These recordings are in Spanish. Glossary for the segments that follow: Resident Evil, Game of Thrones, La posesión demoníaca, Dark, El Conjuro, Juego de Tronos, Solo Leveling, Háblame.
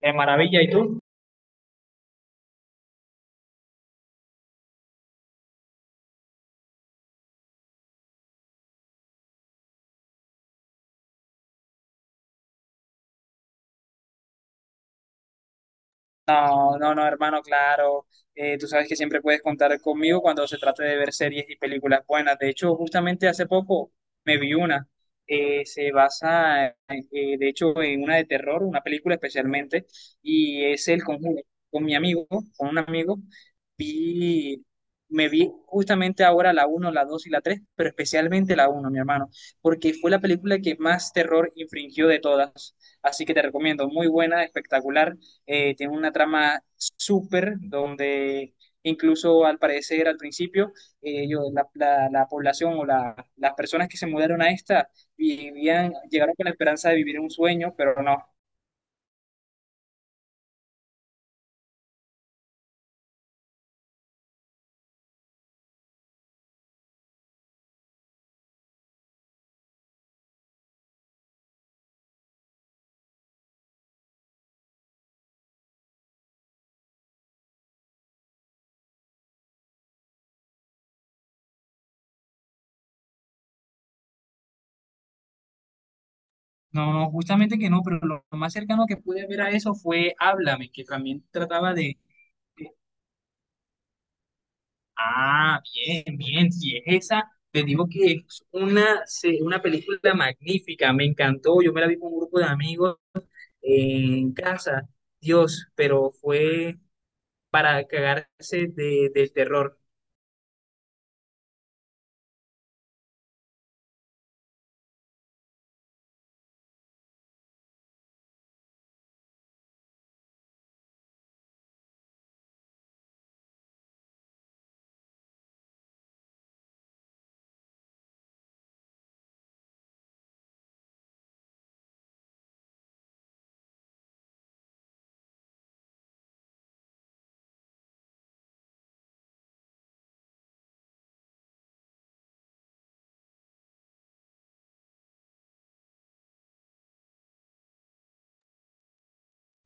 De maravilla, ¿y tú? No, no, no, hermano, claro. Tú sabes que siempre puedes contar conmigo cuando se trate de ver series y películas buenas. De hecho, justamente hace poco me vi una. Se basa, de hecho, en una de terror, una película especialmente, y es El Conjuro. Con mi amigo, con un amigo, vi, me vi justamente ahora la uno, la 2 y la 3, pero especialmente la uno, mi hermano, porque fue la película que más terror infringió de todas. Así que te recomiendo, muy buena, espectacular. Tiene una trama súper donde incluso al parecer al principio la población o las personas que se mudaron a esta vivían, llegaron con la esperanza de vivir un sueño, pero no. No, no, justamente que no, pero lo más cercano que pude ver a eso fue Háblame, que también trataba de... de- Bien, bien, si es esa, te digo que es una, una película magnífica, me encantó, yo me la vi con un grupo de amigos en casa. Dios, pero fue para cagarse del terror.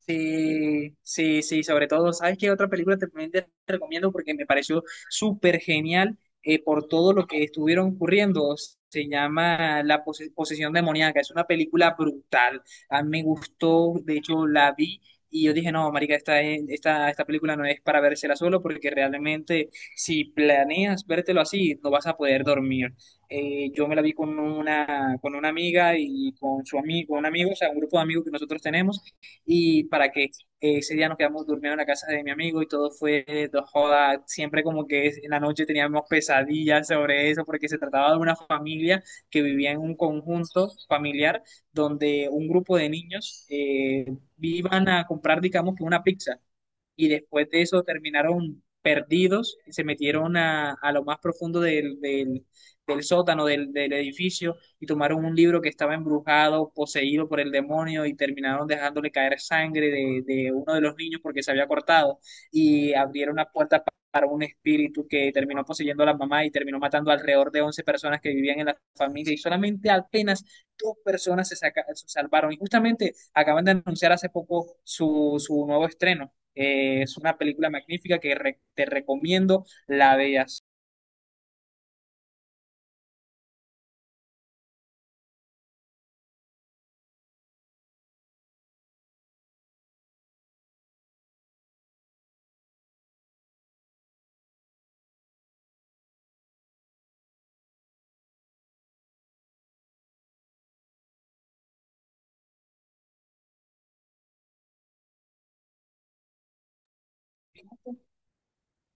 Sí, sí, sí, sobre todo, ¿sabes qué otra película también te recomiendo? Porque me pareció súper genial por todo lo que estuvieron ocurriendo. Se llama La posesión demoníaca, es una película brutal. A mí me gustó, de hecho la vi y yo dije, no, marica, esta película no es para vérsela solo porque realmente si planeas vértelo así, no vas a poder dormir. Yo me la vi con una amiga y con su amigo, un amigo, o sea, un grupo de amigos que nosotros tenemos. Y para que ese día nos quedamos durmiendo en la casa de mi amigo y todo fue dos joda. Siempre como que en la noche teníamos pesadillas sobre eso porque se trataba de una familia que vivía en un conjunto familiar donde un grupo de niños iban a comprar, digamos, que una pizza, y después de eso terminaron perdidos, se metieron a lo más profundo del sótano del edificio y tomaron un libro que estaba embrujado, poseído por el demonio, y terminaron dejándole caer sangre de uno de los niños porque se había cortado, y abrieron las puertas para un espíritu que terminó poseyendo a la mamá y terminó matando alrededor de 11 personas que vivían en la familia, y solamente apenas dos personas se salvaron. Y justamente acaban de anunciar hace poco su nuevo estreno. Es una película magnífica que te recomiendo. La de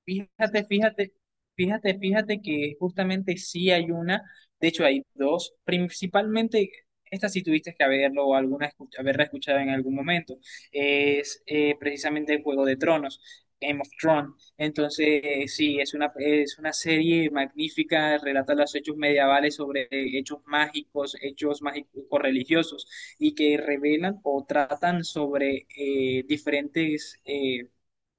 Fíjate, fíjate, fíjate que justamente sí hay una, de hecho hay dos, principalmente. Esta sí tuviste que haberlo o alguna haberla escuchado en algún momento. Es precisamente el Juego de Tronos, Game of Thrones. Entonces, sí, es una, serie magnífica, relata los hechos medievales sobre hechos mágicos religiosos, y que revelan o tratan sobre diferentes,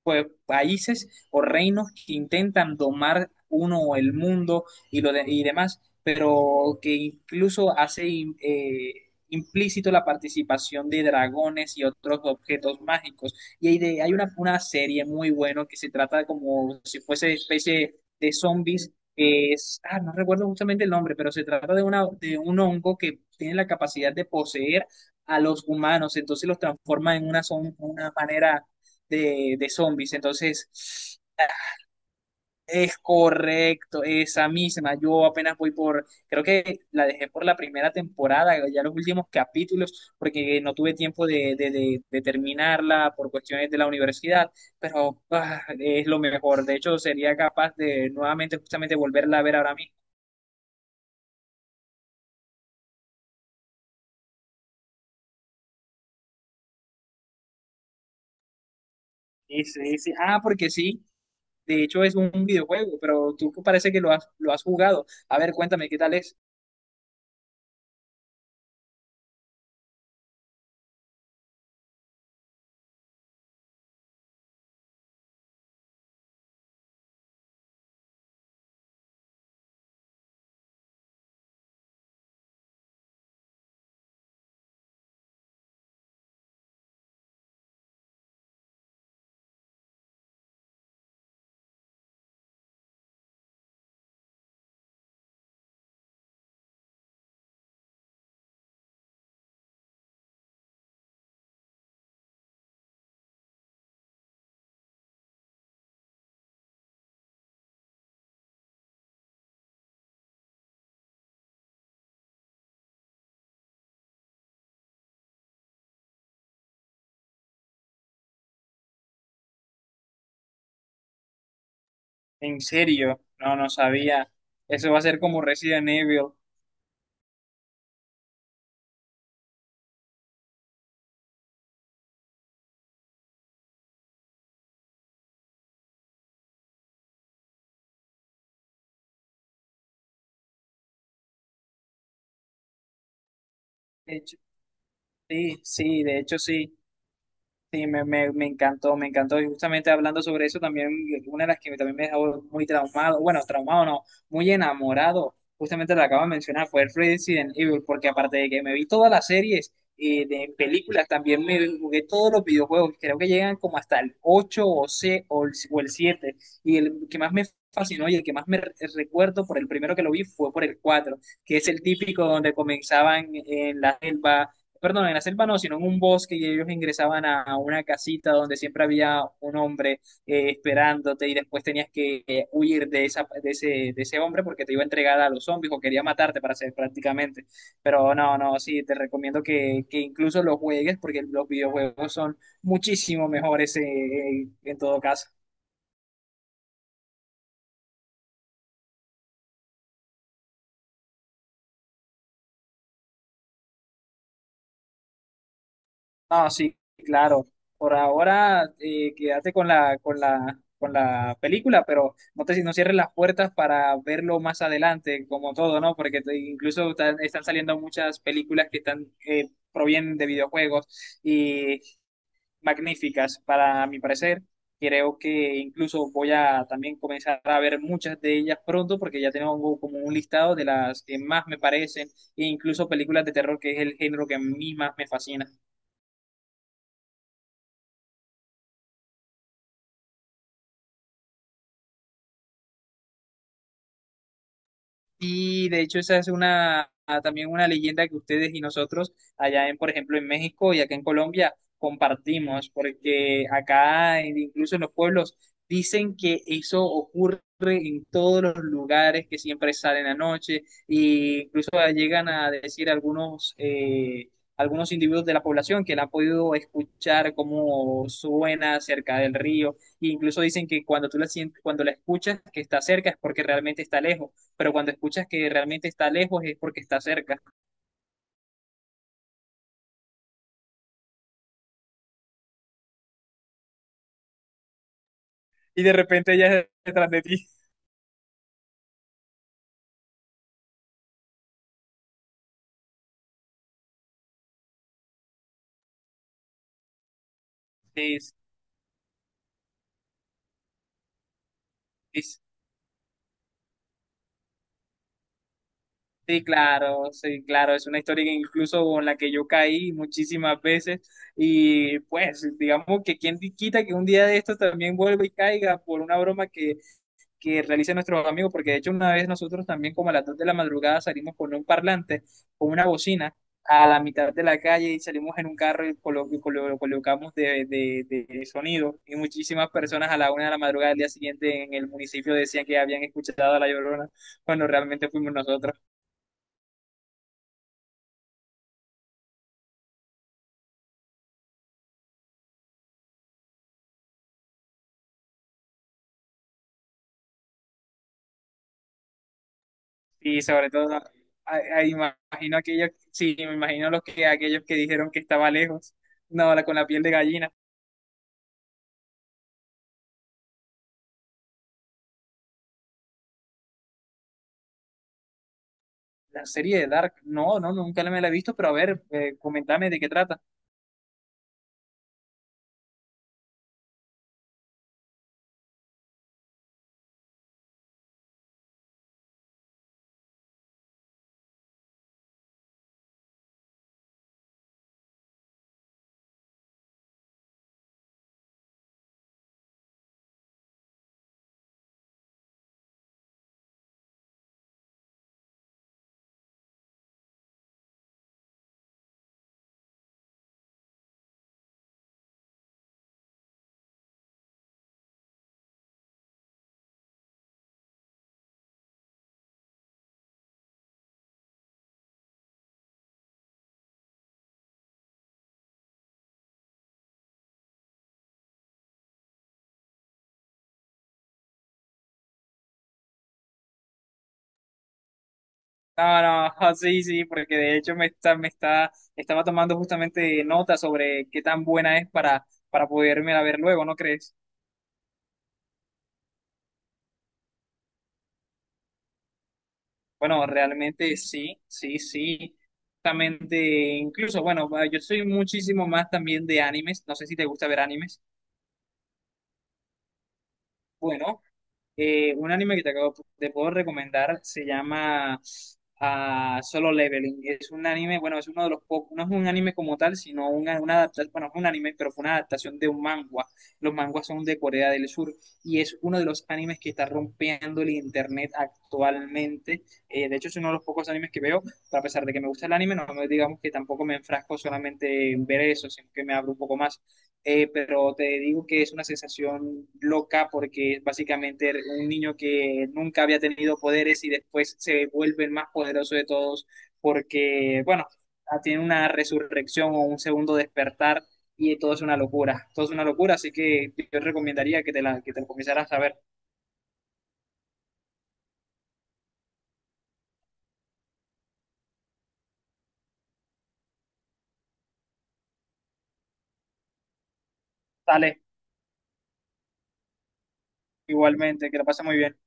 pues, países o reinos que intentan domar uno o el mundo y, y demás, pero que incluso hace implícito la participación de dragones y otros objetos mágicos. Y hay una serie muy buena que se trata como si fuese especie de zombies. No recuerdo justamente el nombre, pero se trata de un hongo que tiene la capacidad de poseer a los humanos, entonces los transforma en una manera de zombies. Entonces, es correcto, esa misma. Yo apenas voy por, creo que la dejé por la primera temporada, ya los últimos capítulos, porque no tuve tiempo de terminarla por cuestiones de la universidad, pero es lo mejor. De hecho, sería capaz de nuevamente justamente volverla a ver ahora mismo. Porque sí. De hecho, es un videojuego, pero tú parece que lo has jugado. A ver, cuéntame, ¿qué tal es? En serio, no, no sabía. Eso va a ser como Resident Evil. De hecho, sí, sí, de hecho sí. Sí, me encantó, me encantó. Y justamente hablando sobre eso, también una de las que también me dejó muy traumado, bueno, traumado no, muy enamorado, justamente la acabo de mencionar, fue Resident Evil, porque aparte de que me vi todas las series de películas, también me jugué todos los videojuegos. Creo que llegan como hasta el 8 o el 7, y el que más me fascinó y el que más me recuerdo por el primero que lo vi fue por el cuatro, que es el típico donde comenzaban en la selva, perdón, en la selva no, sino en un bosque, y ellos ingresaban a una casita donde siempre había un hombre esperándote, y después tenías que huir de ese hombre porque te iba a entregar a los zombies o quería matarte para hacer prácticamente. Pero no, no, sí, te recomiendo que, incluso los juegues porque los videojuegos son muchísimo mejores en todo caso. No, sí, claro. Por ahora, quédate con la película, pero no te, no cierres las puertas para verlo más adelante, como todo, ¿no? Porque incluso están saliendo muchas películas que están provienen de videojuegos, y magníficas, para mi parecer. Creo que incluso voy a también comenzar a ver muchas de ellas pronto, porque ya tengo como un listado de las que más me parecen, e incluso películas de terror, que es el género que a mí más me fascina. Y de hecho esa es también una leyenda que ustedes y nosotros allá en, por ejemplo, en México y acá en Colombia compartimos, porque acá incluso en los pueblos dicen que eso ocurre en todos los lugares, que siempre salen a noche, e incluso llegan a decir algunos algunos individuos de la población que la han podido escuchar cómo suena cerca del río, e incluso dicen que cuando tú la sientes, cuando la escuchas que está cerca es porque realmente está lejos, pero cuando escuchas que realmente está lejos es porque está cerca. Y de repente ella es detrás de ti. Sí, sí, sí, claro, sí, claro, es una historia que incluso con la que yo caí muchísimas veces, y pues digamos que quien quita que un día de estos también vuelva y caiga por una broma que realizan nuestros amigos. Porque de hecho una vez nosotros también como a las 2 de la madrugada salimos con un parlante, con una bocina, a la mitad de la calle, y salimos en un carro y lo colocamos de sonido. Y muchísimas personas a la una de la madrugada del día siguiente en el municipio decían que habían escuchado a La Llorona cuando realmente fuimos nosotros. Y sobre todo, imagino aquellos, sí, me imagino aquellos que dijeron que estaba lejos, no, con la piel de gallina. La serie de Dark, no, no, nunca me la he visto, pero a ver, comentame de qué trata. No, no, sí, sí, porque de hecho estaba tomando justamente nota sobre qué tan buena es para, poderme la ver luego, ¿no crees? Bueno, realmente sí, sí, sí. Justamente, incluso, bueno, yo soy muchísimo más también de animes, no sé si te gusta ver animes. Bueno, un anime que te acabo de puedo recomendar se llama Solo Leveling. Es un anime, bueno, es uno de los pocos, no es un anime como tal, sino una adaptación, bueno, no es un anime, pero fue una adaptación de un manga. Los manguas son de Corea del Sur y es uno de los animes que está rompiendo el internet actualmente. De hecho, es uno de los pocos animes que veo, pero a pesar de que me gusta el anime, no me digamos que tampoco me enfrasco solamente en ver eso, sino que me abro un poco más pero te digo que es una sensación loca porque es básicamente un niño que nunca había tenido poderes y después se vuelve el más poderoso de todos porque, bueno, tiene una resurrección o un segundo despertar, y todo es una locura, todo es una locura, así que yo recomendaría que te la, comenzaras a ver. Dale, igualmente, que la pases muy bien.